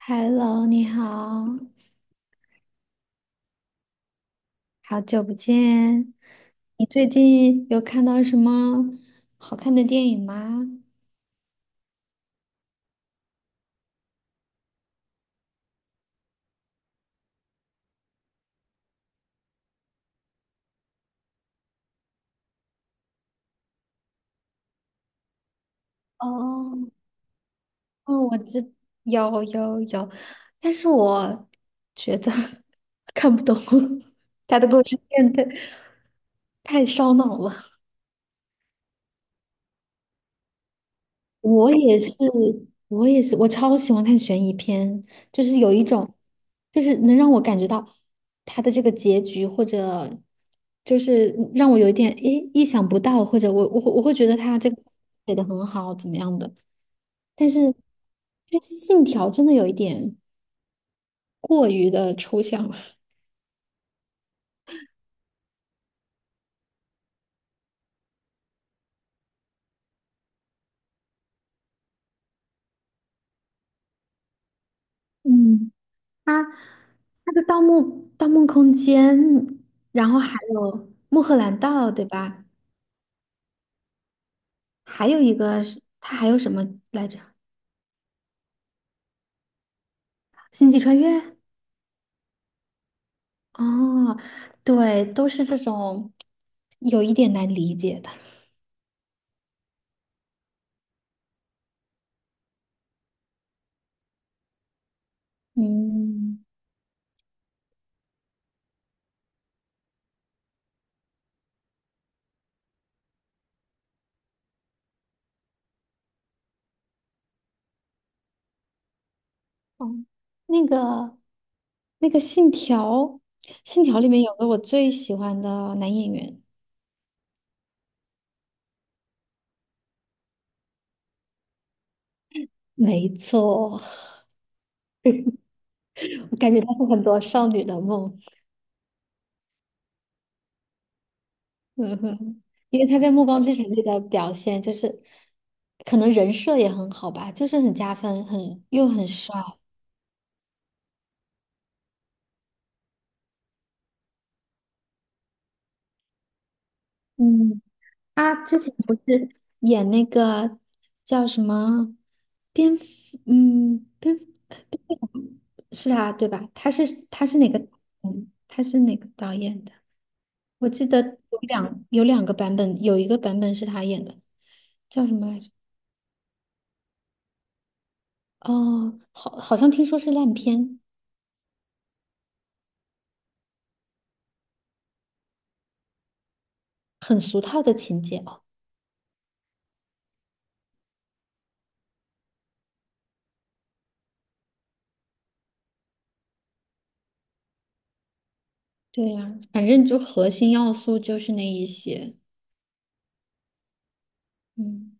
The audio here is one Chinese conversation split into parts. Hello，你好，好久不见。你最近有看到什么好看的电影吗？哦，哦，我知有有有，但是我觉得 看不懂，他的故事线太烧脑了。我也是，我也是，我超喜欢看悬疑片，就是有一种，就是能让我感觉到他的这个结局，或者就是让我有一点诶意想不到，或者我会觉得他这个写的很好，怎么样的？但是这信条真的有一点过于的抽象了。嗯，他他的《盗墓盗梦空间》，然后还有《穆赫兰道》，对吧？还有一个是它还有什么来着？星际穿越？哦，对，都是这种有一点难理解的。嗯，哦，那个那个信条，信条里面有个我最喜欢的男演员，没错，我感觉他是很多少女的梦。嗯哼，因为他在《暮光之城》里的表现，就是可能人设也很好吧，就是很加分，很又很帅。嗯，他之前不是演那个叫什么蝙蝠？嗯，蝙蝠侠是他对吧？他是哪个？嗯，他是哪个导演的？我记得有两个版本，有一个版本是他演的，叫什么来着？哦，好，好像听说是烂片，很俗套的情节哦。对呀，反正就核心要素就是那一些。嗯，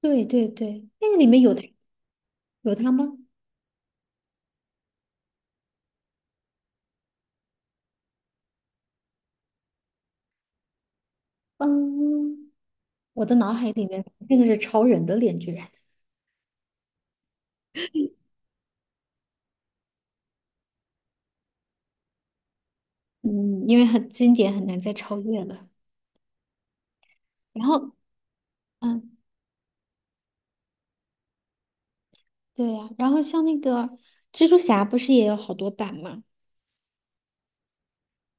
对对对，那个里面有他有他吗？嗯。我的脑海里面真的是超人的脸，居然，嗯，因为很经典，很难再超越了。然后，嗯，对呀、然后像那个蜘蛛侠，不是也有好多版吗？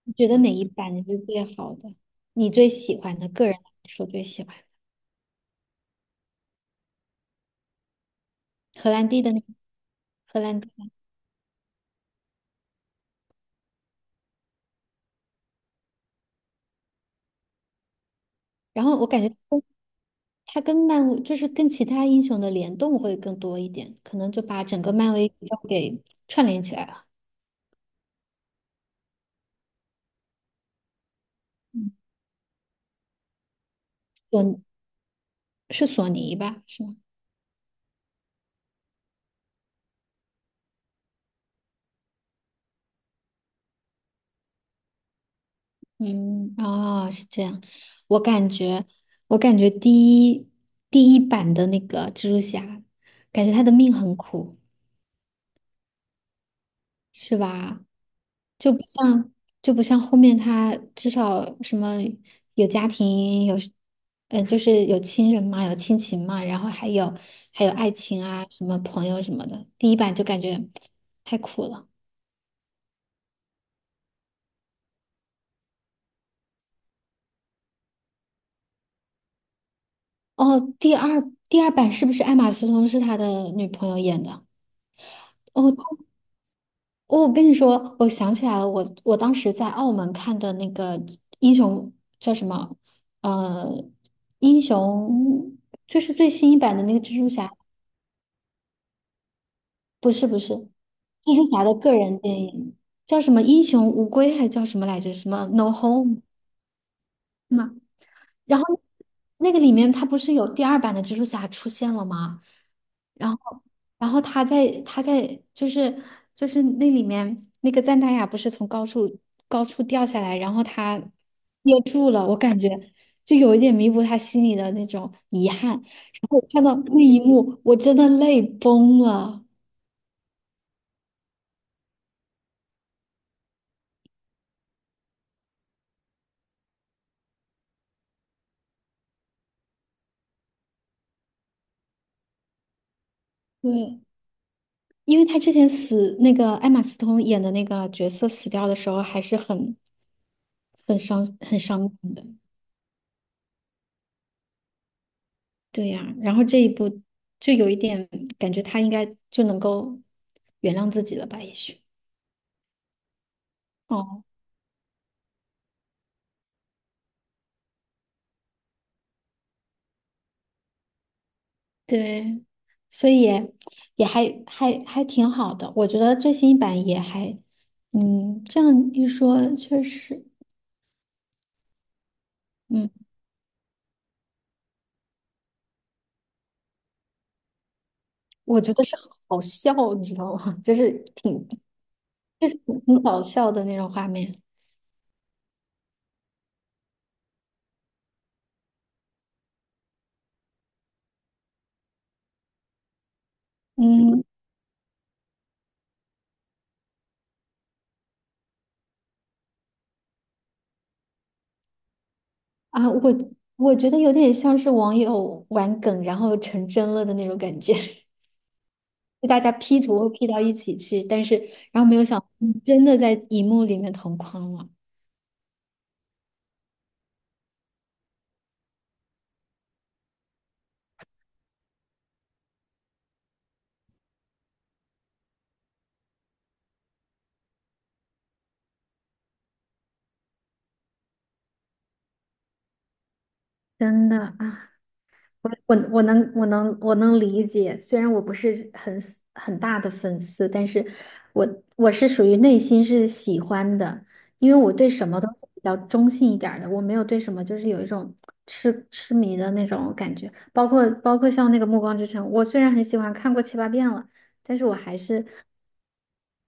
你觉得哪一版是最好的？你最喜欢的，个人来说最喜欢荷兰弟的那荷兰弟的。然后我感觉他跟漫威就是跟其他英雄的联动会更多一点，可能就把整个漫威宇宙给串联起来了。嗯，索尼是索尼吧？是吗？嗯，哦，是这样。我感觉，我感觉一第一版的那个蜘蛛侠，感觉他的命很苦，是吧？就不像就不像后面他至少什么有家庭，有，嗯，就是有亲人嘛，有亲情嘛，然后还有爱情啊，什么朋友什么的。第一版就感觉太苦了。哦，第二版是不是艾玛斯通是他的女朋友演的？哦，哦我跟你说，我想起来了，我当时在澳门看的那个英雄叫什么？呃，英雄就是最新一版的那个蜘蛛侠，不是不是，蜘蛛侠的个人电影叫什么？英雄无归还叫什么来着？什么 No Home 吗？然后那个里面他不是有第二版的蜘蛛侠出现了吗？然后，然后他在就是就是那里面那个赞达亚不是从高处掉下来，然后他噎住了，我感觉就有一点弥补他心里的那种遗憾。然后我看到那一幕，我真的泪崩了。对，因为他之前死那个艾玛斯通演的那个角色死掉的时候，还是很伤感的。对呀，然后这一步就有一点感觉，他应该就能够原谅自己了吧？也许。哦，对，所以也也还还还挺好的，我觉得最新一版也还，嗯，这样一说确实，嗯，我觉得是好笑，你知道吗？就是挺搞笑的那种画面。嗯啊，我觉得有点像是网友玩梗，然后成真了的那种感觉。就大家 P 图会 P 到一起去，但是然后没有想到，真的在荧幕里面同框了。真的啊，我能理解，虽然我不是很 很大的粉丝，但是我是属于内心是喜欢的，因为我对什么都是比较中性一点儿的，我没有对什么就是有一种痴迷的那种感觉，包括像那个《暮光之城》，我虽然很喜欢，看过七八遍了，但是我还是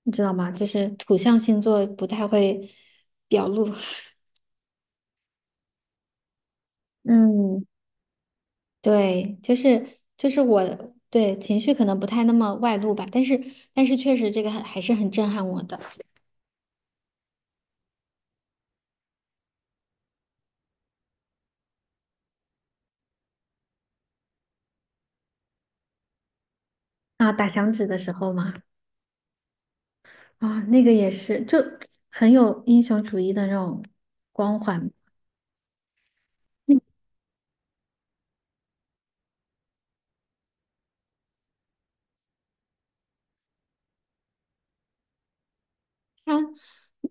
你知道吗？就是土象星座不太会表露。嗯，对，就是我对情绪可能不太那么外露吧，但是但是确实这个很还是很震撼我的啊！打响指的时候嘛，啊，那个也是，就很有英雄主义的那种光环。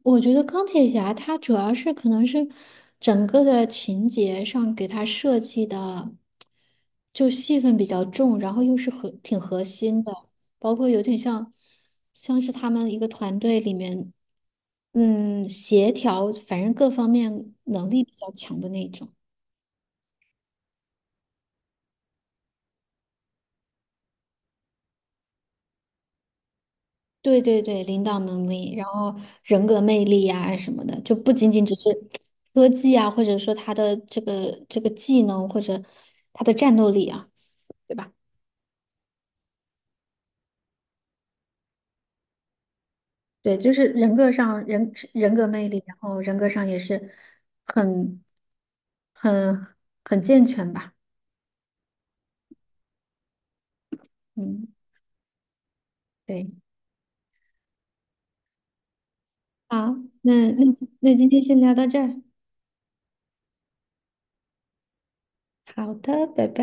我觉得钢铁侠他主要是可能是整个的情节上给他设计的，就戏份比较重，然后又是核心的，包括有点像是他们一个团队里面，嗯，协调，反正各方面能力比较强的那种。对对对，领导能力，然后人格魅力呀、什么的，就不仅仅只是科技啊，或者说他的这个技能或者他的战斗力啊。对吧？对，就是人格魅力，然后人格上也是很很很健全吧。嗯，对，好，那那那今天先聊到这儿。好的，拜拜。